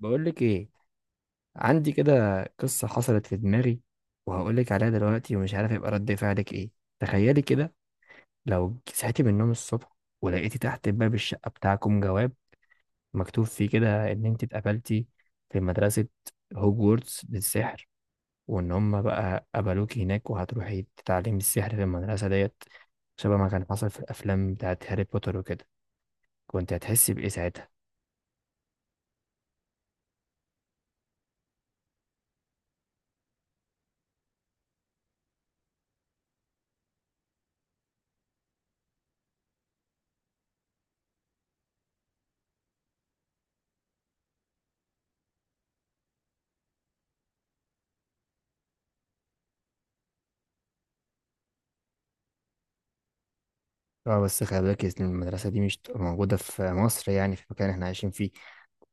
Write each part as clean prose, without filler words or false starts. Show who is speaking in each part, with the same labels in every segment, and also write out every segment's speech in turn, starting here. Speaker 1: بقول لك ايه؟ عندي كده قصة حصلت في دماغي، وهقول لك عليها دلوقتي، ومش عارف يبقى رد فعلك ايه. تخيلي كده، لو صحيتي من النوم الصبح ولقيتي تحت باب الشقة بتاعكم جواب مكتوب فيه كده ان انت اتقبلتي في مدرسة هوجورتس للسحر، وان هم بقى قبلوك هناك وهتروحي تتعلمي السحر في المدرسة ديت، شبه ما كان حصل في الافلام بتاعت هاري بوتر وكده. كنت هتحسي بايه ساعتها؟ اه، بس خلي بالك إن المدرسة دي مش تبقى موجودة في مصر، يعني في المكان اللي احنا عايشين فيه.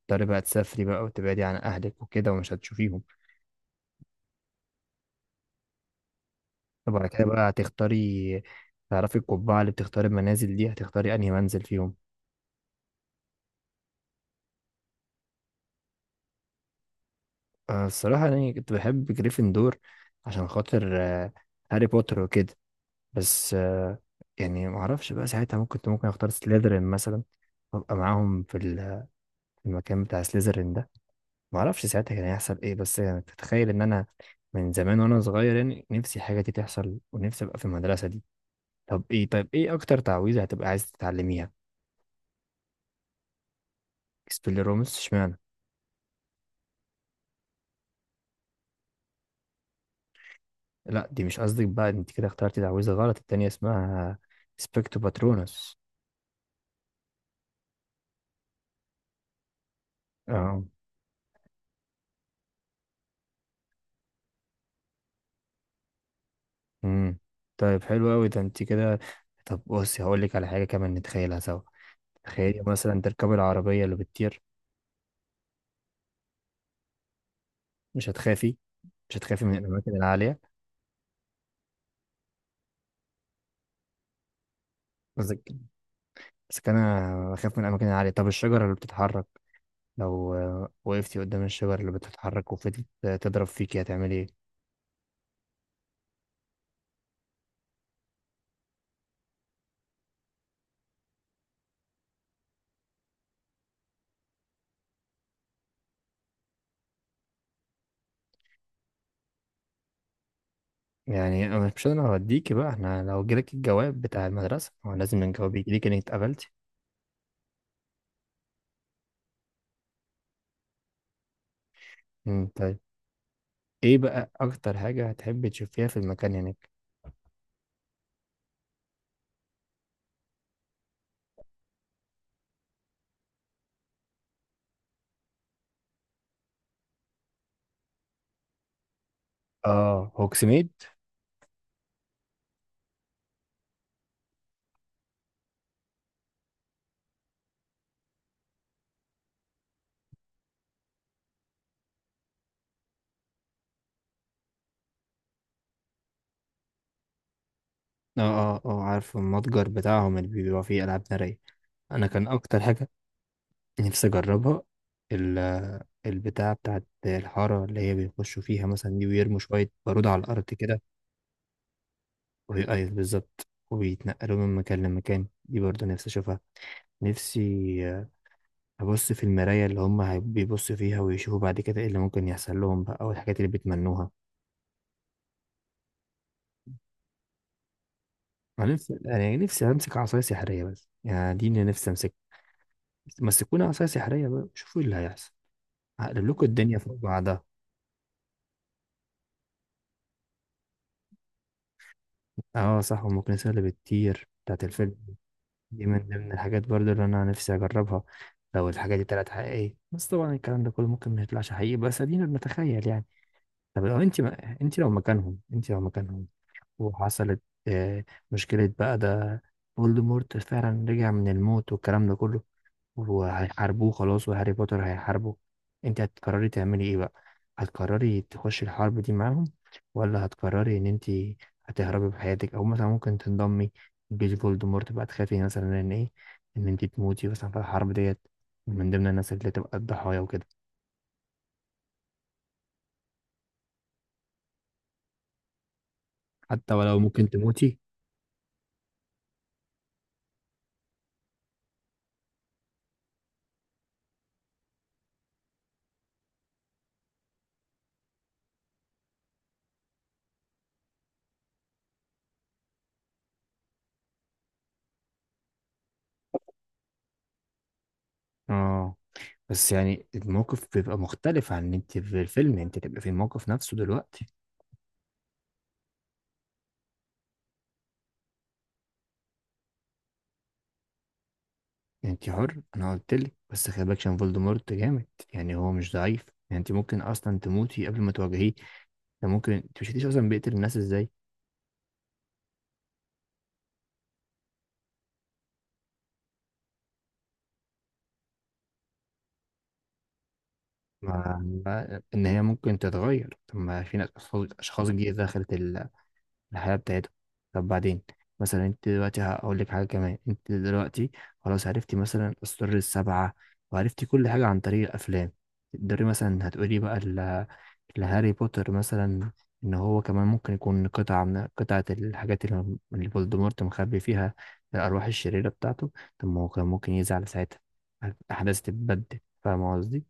Speaker 1: تضطري بقى تسافري بقى وتبعدي عن أهلك وكده ومش هتشوفيهم. طب على كده بقى هتختاري. تعرفي القبعة اللي بتختاري المنازل دي، هتختاري أنهي منزل فيهم؟ الصراحة أنا كنت بحب جريفندور عشان خاطر هاري بوتر وكده. بس يعني معرفش بقى ساعتها، ممكن كنت ممكن أختار سليذرين مثلا، وأبقى معاهم في المكان بتاع سليذرين ده. معرفش ساعتها كان هيحصل إيه، بس يعني تتخيل إن أنا من زمان وأنا صغير، يعني نفسي حاجة دي تحصل ونفسي أبقى في المدرسة دي. طب ايه، طيب ايه اكتر تعويذة هتبقى عايز تتعلميها؟ سبيليرومس اشمعنى؟ لا دي مش قصدك بقى، انت كده اخترتي تعويذة غلط، التانية اسمها سبيكتو باترونس. اه. امم طيب حلو قوي ده انت كده. طب بصي هقول لك على حاجة كمان نتخيلها سوا. تخيلي مثلا تركبي العربية اللي بتطير. مش هتخافي؟ مش هتخافي من الأماكن العالية؟ قصدك بس أنا أخاف من الأماكن العالية. طب الشجرة اللي بتتحرك، لو وقفتي قدام الشجرة اللي بتتحرك وفضلت تضرب فيكي، هتعملي إيه؟ يعني أنا مش، انا هوديكي بقى، احنا لو جالك الجواب بتاع المدرسة هو لازم نجاوب يجيلك انك اتقبلتي. طيب، ايه بقى اكتر حاجة هتحبي تشوفيها في المكان هناك؟ اه هوكسميد. اه، اه، اه عارف المتجر بتاعهم اللي بيبقى فيه العاب نارية. انا كان اكتر حاجة نفسي اجربها، ال البتاع بتاعت الحارة اللي هي بيخشوا فيها مثلا دي، ويرموا شوية بارود على الأرض كده. وهي أيوة بالظبط، وبيتنقلوا من مكان لمكان، دي برضه نفسي أشوفها. نفسي هبص في المراية اللي هم بيبصوا فيها ويشوفوا بعد كده ايه اللي ممكن يحصل لهم بقى، او الحاجات اللي بيتمنوها. انا نفسي، انا يعني نفسي امسك عصاية سحرية، بس يعني دي اللي نفسي امسك. مسكونا عصاية سحرية بقى شوفوا ايه اللي هيحصل، هقلب لكم الدنيا فوق بعضها. اه صح، والمكنسة اللي بتطير بتاعت الفيلم دي من ضمن الحاجات برضو اللي انا نفسي اجربها لو الحاجة دي طلعت حقيقية. بس طبعا الكلام ده كله ممكن ما يطلعش حقيقي، بس ادينا بنتخيل يعني. طب لو انت ما... انت لو مكانهم، وحصلت آه، مشكلة بقى. ده فولدمورت فعلا رجع من الموت والكلام ده كله، وهيحاربوه خلاص وهاري بوتر هيحاربه، انت هتقرري تعملي ايه بقى؟ هتقرري تخشي الحرب دي معاهم، ولا هتقرري ان انت هتهربي بحياتك، او مثلا ممكن تنضمي لجيش فولدمورت بقى؟ تخافي مثلا ان ايه، ان انت تموتي مثلا في الحرب ديت، من ضمن الناس اللي تبقى الضحايا وكده؟ حتى ولو ممكن تموتي. اه، بس يعني الموقف بيبقى مختلف عن ان انت في الفيلم، انت تبقى في الموقف نفسه دلوقتي. يعني انت حر، انا قلت لك، بس خلي بالك عشان فولدمورت جامد يعني، هو مش ضعيف. يعني انت ممكن اصلا تموتي قبل ما تواجهيه. ده ممكن انت مش شفتيش اصلا بيقتل الناس ازاي؟ ما ان هي ممكن تتغير. طب ما في ناس، أشخاص جديده دخلت الحياه بتاعتهم. طب بعدين مثلا، انت دلوقتي هقول لك حاجه كمان، انت دلوقتي خلاص عرفتي مثلا اسرار 7، وعرفتي كل حاجه عن طريق الافلام. تقدري مثلا، هتقولي بقى لهاري بوتر مثلا ان هو كمان ممكن يكون قطعة من قطعة الحاجات اللي فولدمورت مخبي فيها الأرواح الشريرة بتاعته. طب ما هو كان ممكن يزعل ساعتها، الأحداث تتبدل، فاهم قصدي؟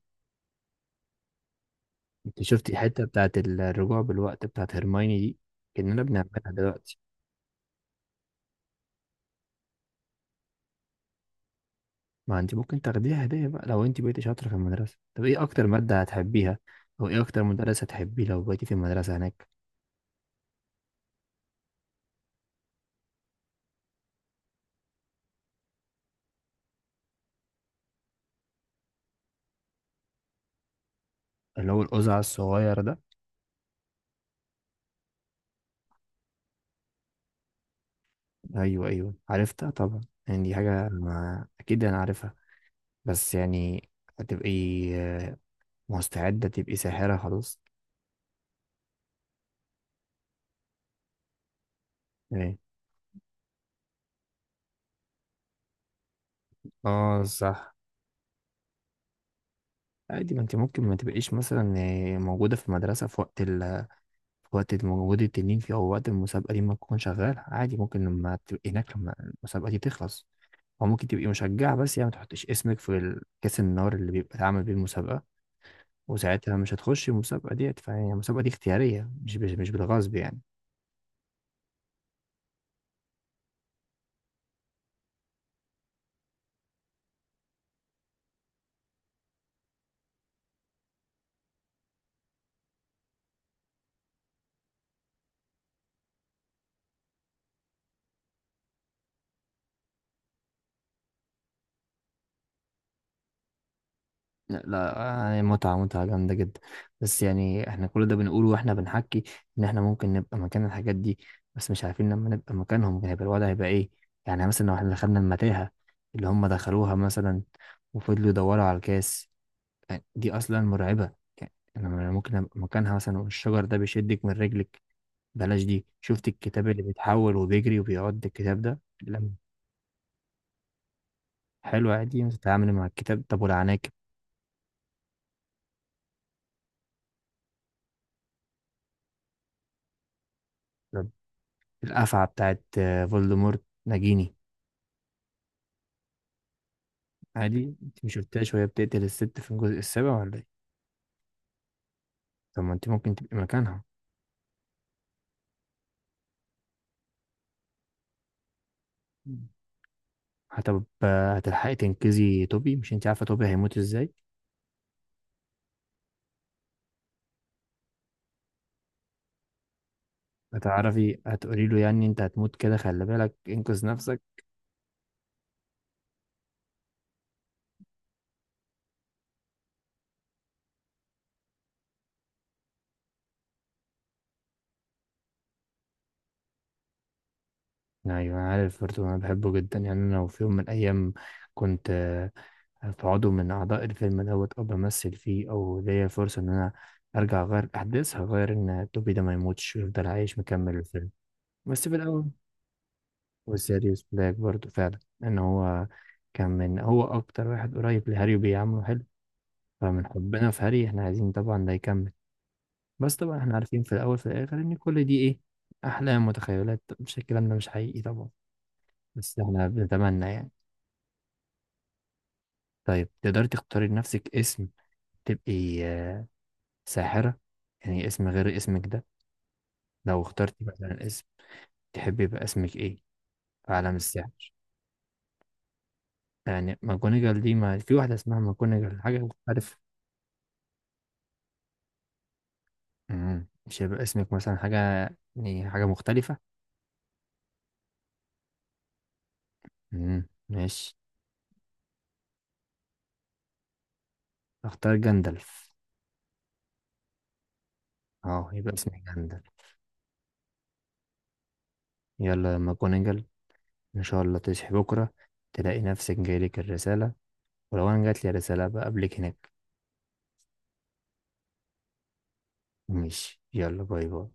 Speaker 1: انت شفت الحتة بتاعت الرجوع بالوقت بتاعت هرمايني دي؟ كأننا بنعملها دلوقتي. ما انت ممكن تاخديها هدية بقى لو انت بقيتي شاطرة في المدرسة. طب ايه أكتر مادة هتحبيها؟ أو ايه أكتر مدرس هتحبيه لو بقيتي في المدرسة هناك؟ اللي هو القزع الصغير ده. ايوه ايوه عرفتها طبعا، يعني دي حاجه ما اكيد انا عارفها. بس يعني هتبقي آه، مستعده تبقي ساحره خلاص؟ ايه؟ اه صح. عادي ما انت ممكن ما تبقيش مثلا موجوده في المدرسه في وقت في وقت موجود التنين فيه، او وقت المسابقه دي ما تكون شغاله. عادي، ممكن لما تبقي هناك لما المسابقه دي تخلص، او ممكن تبقي مشجعه بس، يعني ما تحطيش اسمك في كاس النار اللي بيبقى اتعمل بيه المسابقه، وساعتها مش هتخشي المسابقه ديت. فيعني المسابقه دي اختياريه، مش بالغصب يعني. لا لا، متعة جامدة جدا. بس يعني احنا كل ده بنقوله واحنا بنحكي ان احنا ممكن نبقى مكان الحاجات دي، بس مش عارفين لما نبقى مكانهم هيبقى الوضع هيبقى ايه. يعني مثلا لو احنا دخلنا المتاهة اللي هم دخلوها مثلا وفضلوا يدوروا على الكاس، يعني دي اصلا مرعبة. يعني انا ممكن ابقى مكانها مثلا، والشجر ده بيشدك من رجلك. بلاش دي، شفت الكتاب اللي بيتحول وبيجري وبيعض، الكتاب ده لما، حلو، عادي تتعامل مع الكتاب. طب والعناكب؟ طب القفعة بتاعت فولدمورت نجيني. عادي، انت مشفتهاش وهي بتقتل الست في الجزء السابع ولا ايه؟ طب ما انت ممكن تبقي مكانها. هتلحقي تنقذي توبي؟ مش انت عارفه توبي هيموت ازاي؟ هتعرفي، هتقولي له يعني انت هتموت كده، خلي بالك انقذ نفسك. ايوه انا عارف برضه، انا بحبه جدا يعني. انا لو في يوم من الايام كنت في عضو من اعضاء الفيلم دوت، او بمثل فيه، او ليا فرصه ان انا ارجع اغير الاحداث، هغير ان توبي ده ما يموتش ويفضل عايش مكمل الفيلم. بس في الاول، وسيريوس بلاك برضو، فعلا ان هو كان من هو اكتر واحد قريب لهاري وبيعامله حلو، فمن حبنا في هاري احنا عايزين طبعا ده يكمل. بس طبعا احنا عارفين في الاول في الاخر ان كل دي ايه، احلام وتخيلات، مش الكلام ده مش حقيقي طبعا. بس احنا بنتمنى يعني. طيب تقدري تختاري لنفسك اسم تبقي ساحرة، يعني اسم غير اسمك ده، لو اخترتي مثلا اسم تحبي يبقى اسمك ايه في عالم السحر؟ يعني ماكونيجال، دي ما في واحدة اسمها ماكونيجال، حاجة مختلفة. مم. مش هيبقى اسمك مثلا حاجة، يعني حاجة مختلفة. مم. ماشي. اختار جندلف. اه، يبقى اسمك جندلف. يلا يا ماكونيجل، ان شاء الله تصحي بكرة تلاقي نفسك جايلك الرسالة، ولو انا جاتلي الرسالة بقابلك هناك. ماشي، يلا، باي باي.